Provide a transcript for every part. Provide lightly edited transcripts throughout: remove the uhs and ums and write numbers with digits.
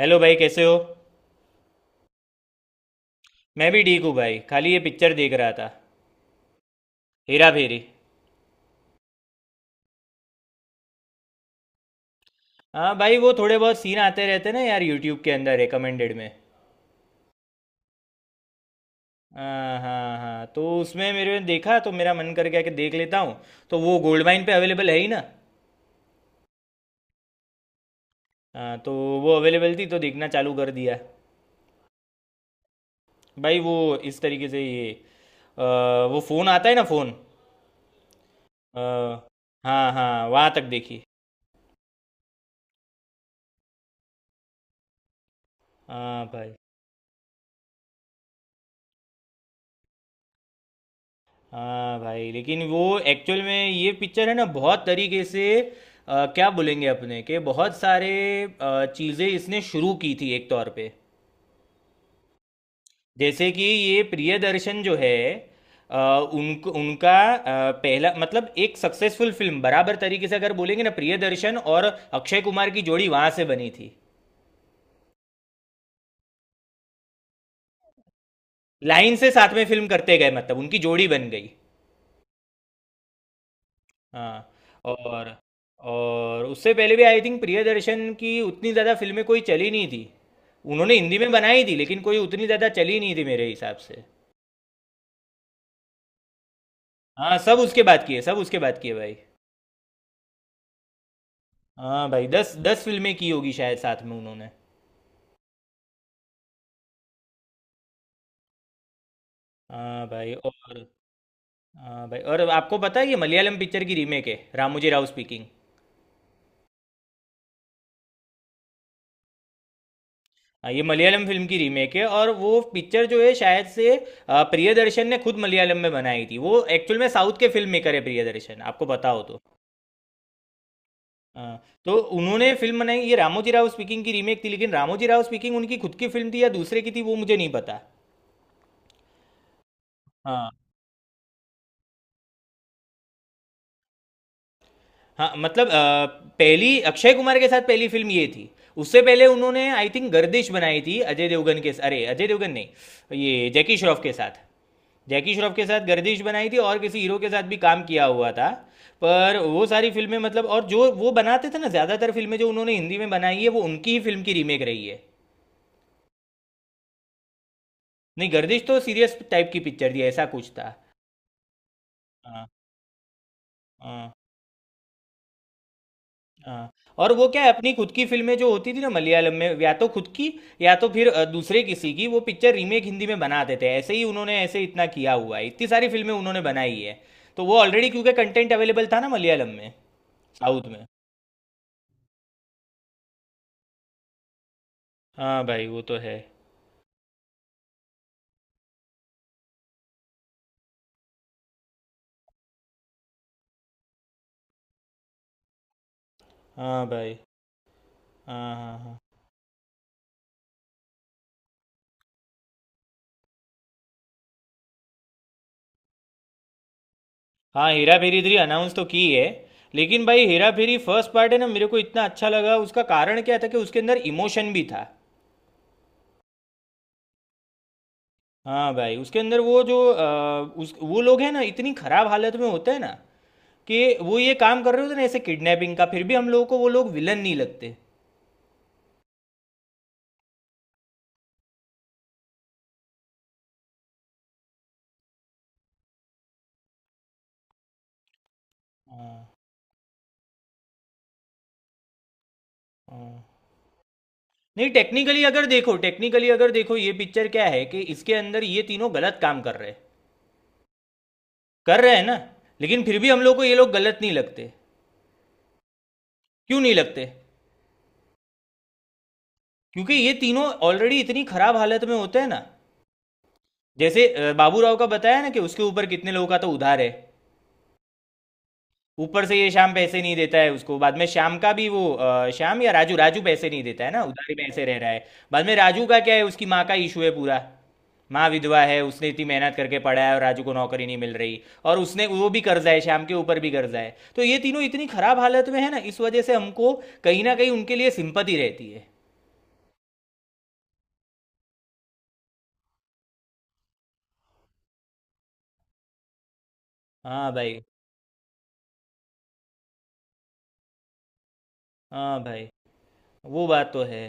Hello भाई, कैसे हो? मैं भी ठीक हूँ भाई। खाली ये पिक्चर देख रहा था। हेरा फेरी। हाँ भाई, वो थोड़े बहुत सीन आते रहते ना यार यूट्यूब के अंदर रिकमेंडेड में। हाँ हाँ हाँ, तो उसमें मेरे ने देखा तो मेरा मन कर गया कि देख लेता हूँ। तो वो गोल्ड माइन पे अवेलेबल है ही ना। हाँ, तो वो अवेलेबल थी तो देखना चालू कर दिया। भाई वो, इस तरीके से ये अ, वो फ़ोन आता है ना फ़ोन। हाँ हाँ, वहाँ तक देखी। हाँ भाई। हाँ भाई, लेकिन वो एक्चुअल में ये पिक्चर है ना बहुत तरीके से क्या बोलेंगे अपने के बहुत सारे चीज़ें इसने शुरू की थी एक तौर पे। जैसे कि ये प्रियदर्शन जो है अ, उनको उनका पहला मतलब एक सक्सेसफुल फिल्म बराबर तरीके से अगर बोलेंगे ना, प्रियदर्शन और अक्षय कुमार की जोड़ी वहां से बनी थी। लाइन से साथ में फिल्म करते गए, मतलब उनकी जोड़ी बन गई। हाँ। और और उससे पहले भी आई थिंक प्रियदर्शन की उतनी ज़्यादा फिल्में कोई चली नहीं थी। उन्होंने हिंदी में बनाई थी लेकिन कोई उतनी ज़्यादा चली नहीं थी मेरे हिसाब से। हाँ, सब उसके बाद किए, सब उसके बाद किए भाई। हाँ भाई, 10 10 फिल्में की होगी शायद साथ में उन्होंने। हाँ भाई। और हाँ भाई, और आपको पता है ये मलयालम पिक्चर की रीमेक है, रामोजी राव स्पीकिंग। हाँ, ये मलयालम फिल्म की रीमेक है और वो पिक्चर जो है शायद से प्रियदर्शन ने खुद मलयालम में बनाई थी। वो एक्चुअल में साउथ के फिल्म मेकर है प्रियदर्शन, आपको पता हो तो। हाँ, तो उन्होंने फिल्म बनाई, ये रामोजी राव स्पीकिंग की रीमेक थी, लेकिन रामोजी राव स्पीकिंग उनकी खुद की फिल्म थी या दूसरे की थी वो मुझे नहीं पता। हाँ। हाँ मतलब पहली अक्षय कुमार के साथ पहली फिल्म ये थी। उससे पहले उन्होंने आई थिंक गर्दिश बनाई थी अजय देवगन के, अरे अजय देवगन नहीं, ये जैकी श्रॉफ के साथ। जैकी श्रॉफ के साथ गर्दिश बनाई थी और किसी हीरो के साथ भी काम किया हुआ था। पर वो सारी फिल्में मतलब और जो वो बनाते थे ना ज़्यादातर फिल्में जो उन्होंने हिंदी में बनाई है वो उनकी ही फिल्म की रीमेक रही है। नहीं, गर्दिश तो सीरियस टाइप की पिक्चर थी, ऐसा कुछ था। हाँ हाँ हाँ। और वो क्या है, अपनी खुद की फिल्में जो होती थी ना मलयालम में, या तो खुद की या तो फिर दूसरे किसी की, वो पिक्चर रीमेक हिंदी में बना देते हैं, ऐसे ही उन्होंने ऐसे इतना किया हुआ है, इतनी सारी फिल्में उन्होंने बनाई है। तो वो ऑलरेडी, क्योंकि कंटेंट अवेलेबल था ना मलयालम में साउथ में। हाँ भाई वो तो है। हाँ भाई। हाँ हाँ हाँ। हाँ हेरा फेरी 3 अनाउंस तो की है। लेकिन भाई, हेरा फेरी फर्स्ट पार्ट है ना, मेरे को इतना अच्छा लगा उसका कारण क्या था कि उसके अंदर इमोशन भी था। हाँ भाई, उसके अंदर वो जो उस वो लोग हैं ना इतनी खराब हालत में होते हैं ना, कि वो ये काम कर रहे होते हैं ना ऐसे किडनैपिंग का, फिर भी हम लोगों को वो लोग विलन नहीं लगते। हाँ। नहीं, टेक्निकली अगर देखो, टेक्निकली अगर देखो, ये पिक्चर क्या है कि इसके अंदर ये तीनों गलत काम कर रहे हैं, कर रहे हैं ना। लेकिन फिर भी हम लोग को ये लोग गलत नहीं लगते। क्यों नहीं लगते? क्योंकि ये तीनों ऑलरेडी इतनी खराब हालत में होते हैं ना। जैसे बाबू राव का बताया ना कि उसके ऊपर कितने लोगों का तो उधार है। ऊपर से ये श्याम पैसे नहीं देता है उसको, बाद में श्याम का भी वो श्याम या राजू, राजू पैसे नहीं देता है ना, उधारी में ऐसे रह रहा है। बाद में राजू का क्या है, उसकी माँ का इशू है पूरा। माँ विधवा है, उसने इतनी मेहनत करके पढ़ा है और राजू को नौकरी नहीं मिल रही। और उसने वो भी कर्जा है, श्याम के ऊपर भी कर्जा है, तो ये तीनों इतनी खराब हालत में है ना, इस वजह से हमको कहीं ना कहीं उनके लिए सिंपति रहती है। हाँ भाई। हाँ भाई, वो बात तो है।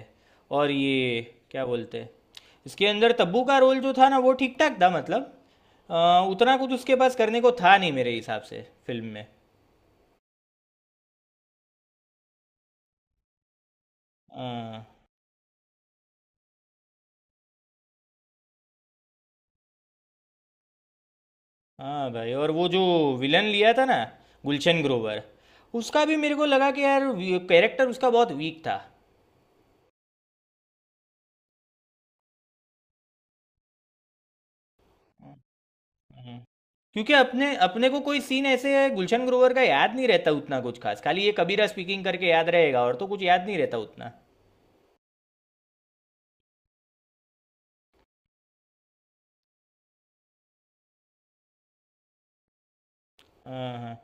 और ये क्या बोलते हैं, इसके अंदर तब्बू का रोल जो था ना वो ठीक ठाक था, मतलब उतना कुछ उसके पास करने को था नहीं मेरे हिसाब से फिल्म में। हाँ। हाँ भाई, और वो जो विलन लिया था ना, गुलशन ग्रोवर, उसका भी मेरे को लगा कि यार कैरेक्टर उसका बहुत वीक था। हम्म। क्योंकि अपने अपने को कोई सीन ऐसे है गुलशन ग्रोवर का याद नहीं रहता उतना कुछ खास, खाली ये कबीरा स्पीकिंग करके याद रहेगा और तो कुछ याद नहीं रहता उतना। हाँ हाँ।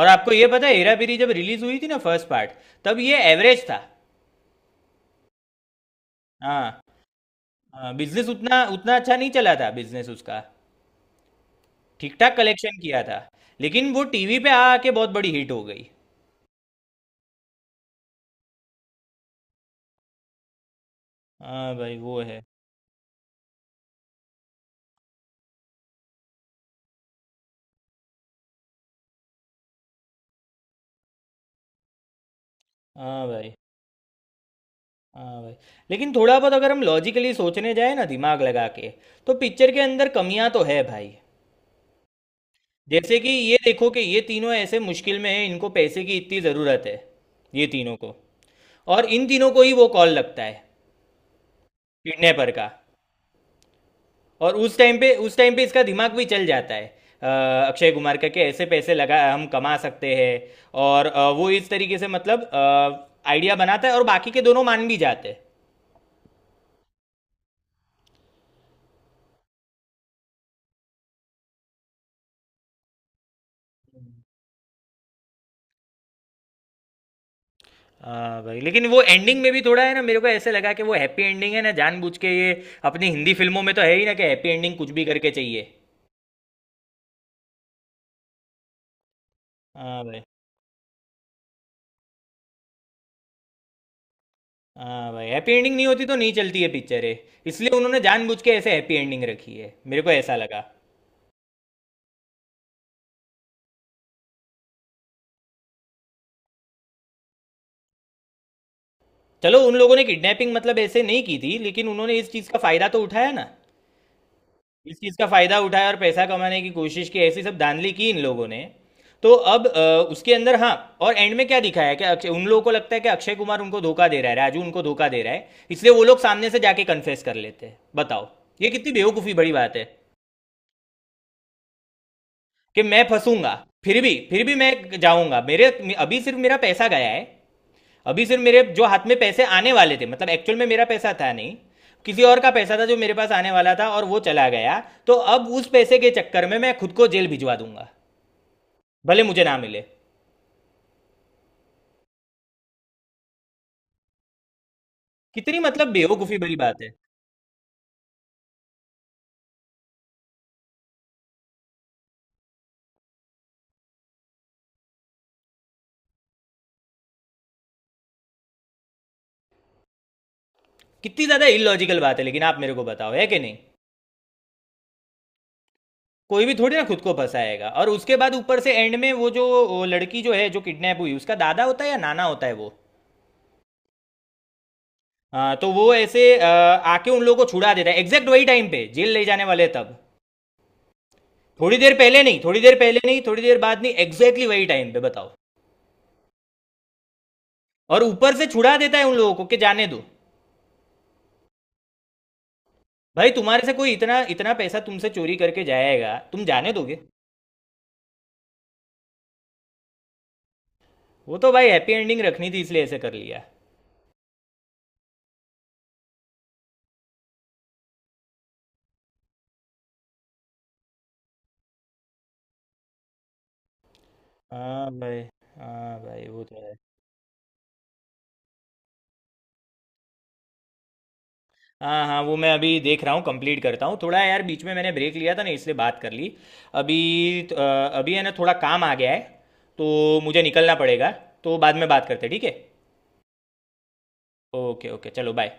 और आपको ये पता है, हेरा फेरी जब रिलीज हुई थी ना फर्स्ट पार्ट, तब ये एवरेज था। हाँ। हाँ, बिजनेस उतना उतना अच्छा नहीं चला था, बिजनेस उसका। ठीक ठाक कलेक्शन किया था। लेकिन वो टीवी पे आ आके बहुत बड़ी हिट हो गई। हाँ भाई वो है। हाँ भाई। हाँ भाई, लेकिन थोड़ा बहुत अगर हम लॉजिकली सोचने जाए ना दिमाग लगा के, तो पिक्चर के अंदर कमियां तो है भाई। जैसे कि ये देखो कि ये तीनों ऐसे मुश्किल में है, इनको पैसे की इतनी ज़रूरत है, ये तीनों को। और इन तीनों को ही वो कॉल लगता है किडनैपर का। और उस टाइम पे, उस टाइम पे इसका दिमाग भी चल जाता है अ, अक्षय कुमार का कि ऐसे पैसे लगा हम कमा सकते हैं। और वो इस तरीके से मतलब आइडिया बनाता है और बाकी के दोनों मान भी जाते हैं। हाँ भाई, लेकिन वो एंडिंग में भी थोड़ा है ना, मेरे को ऐसे लगा कि वो हैप्पी एंडिंग है ना जानबूझ के ये। अपनी हिंदी फिल्मों में तो है ही ना कि हैप्पी एंडिंग कुछ भी करके चाहिए। हाँ भाई। हाँ भाई, हैप्पी एंडिंग नहीं होती तो नहीं चलती है पिक्चर है। इसलिए उन्होंने जानबूझ के ऐसे हैप्पी एंडिंग रखी है, मेरे को ऐसा लगा। चलो, उन लोगों ने किडनैपिंग मतलब ऐसे नहीं की थी, लेकिन उन्होंने इस चीज़ का फ़ायदा तो उठाया ना। इस चीज़ का फ़ायदा उठाया और पैसा कमाने की कोशिश की, ऐसी सब धांधली की इन लोगों ने। तो अब उसके अंदर, हाँ। और एंड में क्या दिखाया है कि अक्षय, उन लोगों को लगता है कि अक्षय कुमार उनको धोखा दे रहा है, राजू उनको धोखा दे रहा है, इसलिए वो लोग सामने से जाके कन्फेस कर लेते हैं, बताओ। ये कितनी बेवकूफ़ी बड़ी बात है कि मैं फंसूंगा, फिर भी, फिर भी मैं जाऊंगा। मेरे, अभी सिर्फ मेरा पैसा गया है, अभी सिर्फ मेरे जो हाथ में पैसे आने वाले थे, मतलब एक्चुअल में मेरा पैसा था नहीं, किसी और का पैसा था जो मेरे पास आने वाला था और वो चला गया। तो अब उस पैसे के चक्कर में मैं खुद को जेल भिजवा दूंगा, भले मुझे ना मिले। कितनी मतलब बेवकूफ़ी भरी बात है। कितनी ज़्यादा इलॉजिकल बात है, लेकिन आप मेरे को बताओ है कि नहीं? कोई भी थोड़ी ना खुद को फंसाएगा। और उसके बाद ऊपर से एंड में वो जो वो लड़की जो है जो किडनैप हुई, उसका दादा होता है या नाना होता है वो। हाँ, तो वो ऐसे आके उन लोगों को छुड़ा देता है एग्जैक्ट वही टाइम पे, जेल ले जाने वाले तब। थोड़ी देर पहले नहीं, थोड़ी देर पहले नहीं, थोड़ी देर बाद नहीं, एग्जैक्टली वही टाइम पे, बताओ। और ऊपर से छुड़ा देता है उन लोगों को कि जाने दो। भाई तुम्हारे से कोई इतना इतना पैसा तुमसे चोरी करके जाएगा, तुम जाने दोगे? वो तो भाई हैप्पी एंडिंग रखनी थी इसलिए ऐसे कर लिया। हाँ भाई। हाँ भाई वो तो है। हाँ हाँ, वो मैं अभी देख रहा हूँ, कंप्लीट करता हूँ थोड़ा। यार बीच में मैंने ब्रेक लिया था ना, इसलिए बात कर ली अभी। अ, अभी है ना थोड़ा काम आ गया है, तो मुझे निकलना पड़ेगा। तो बाद में बात करते हैं, ठीक है। ओके ओके, चलो बाय।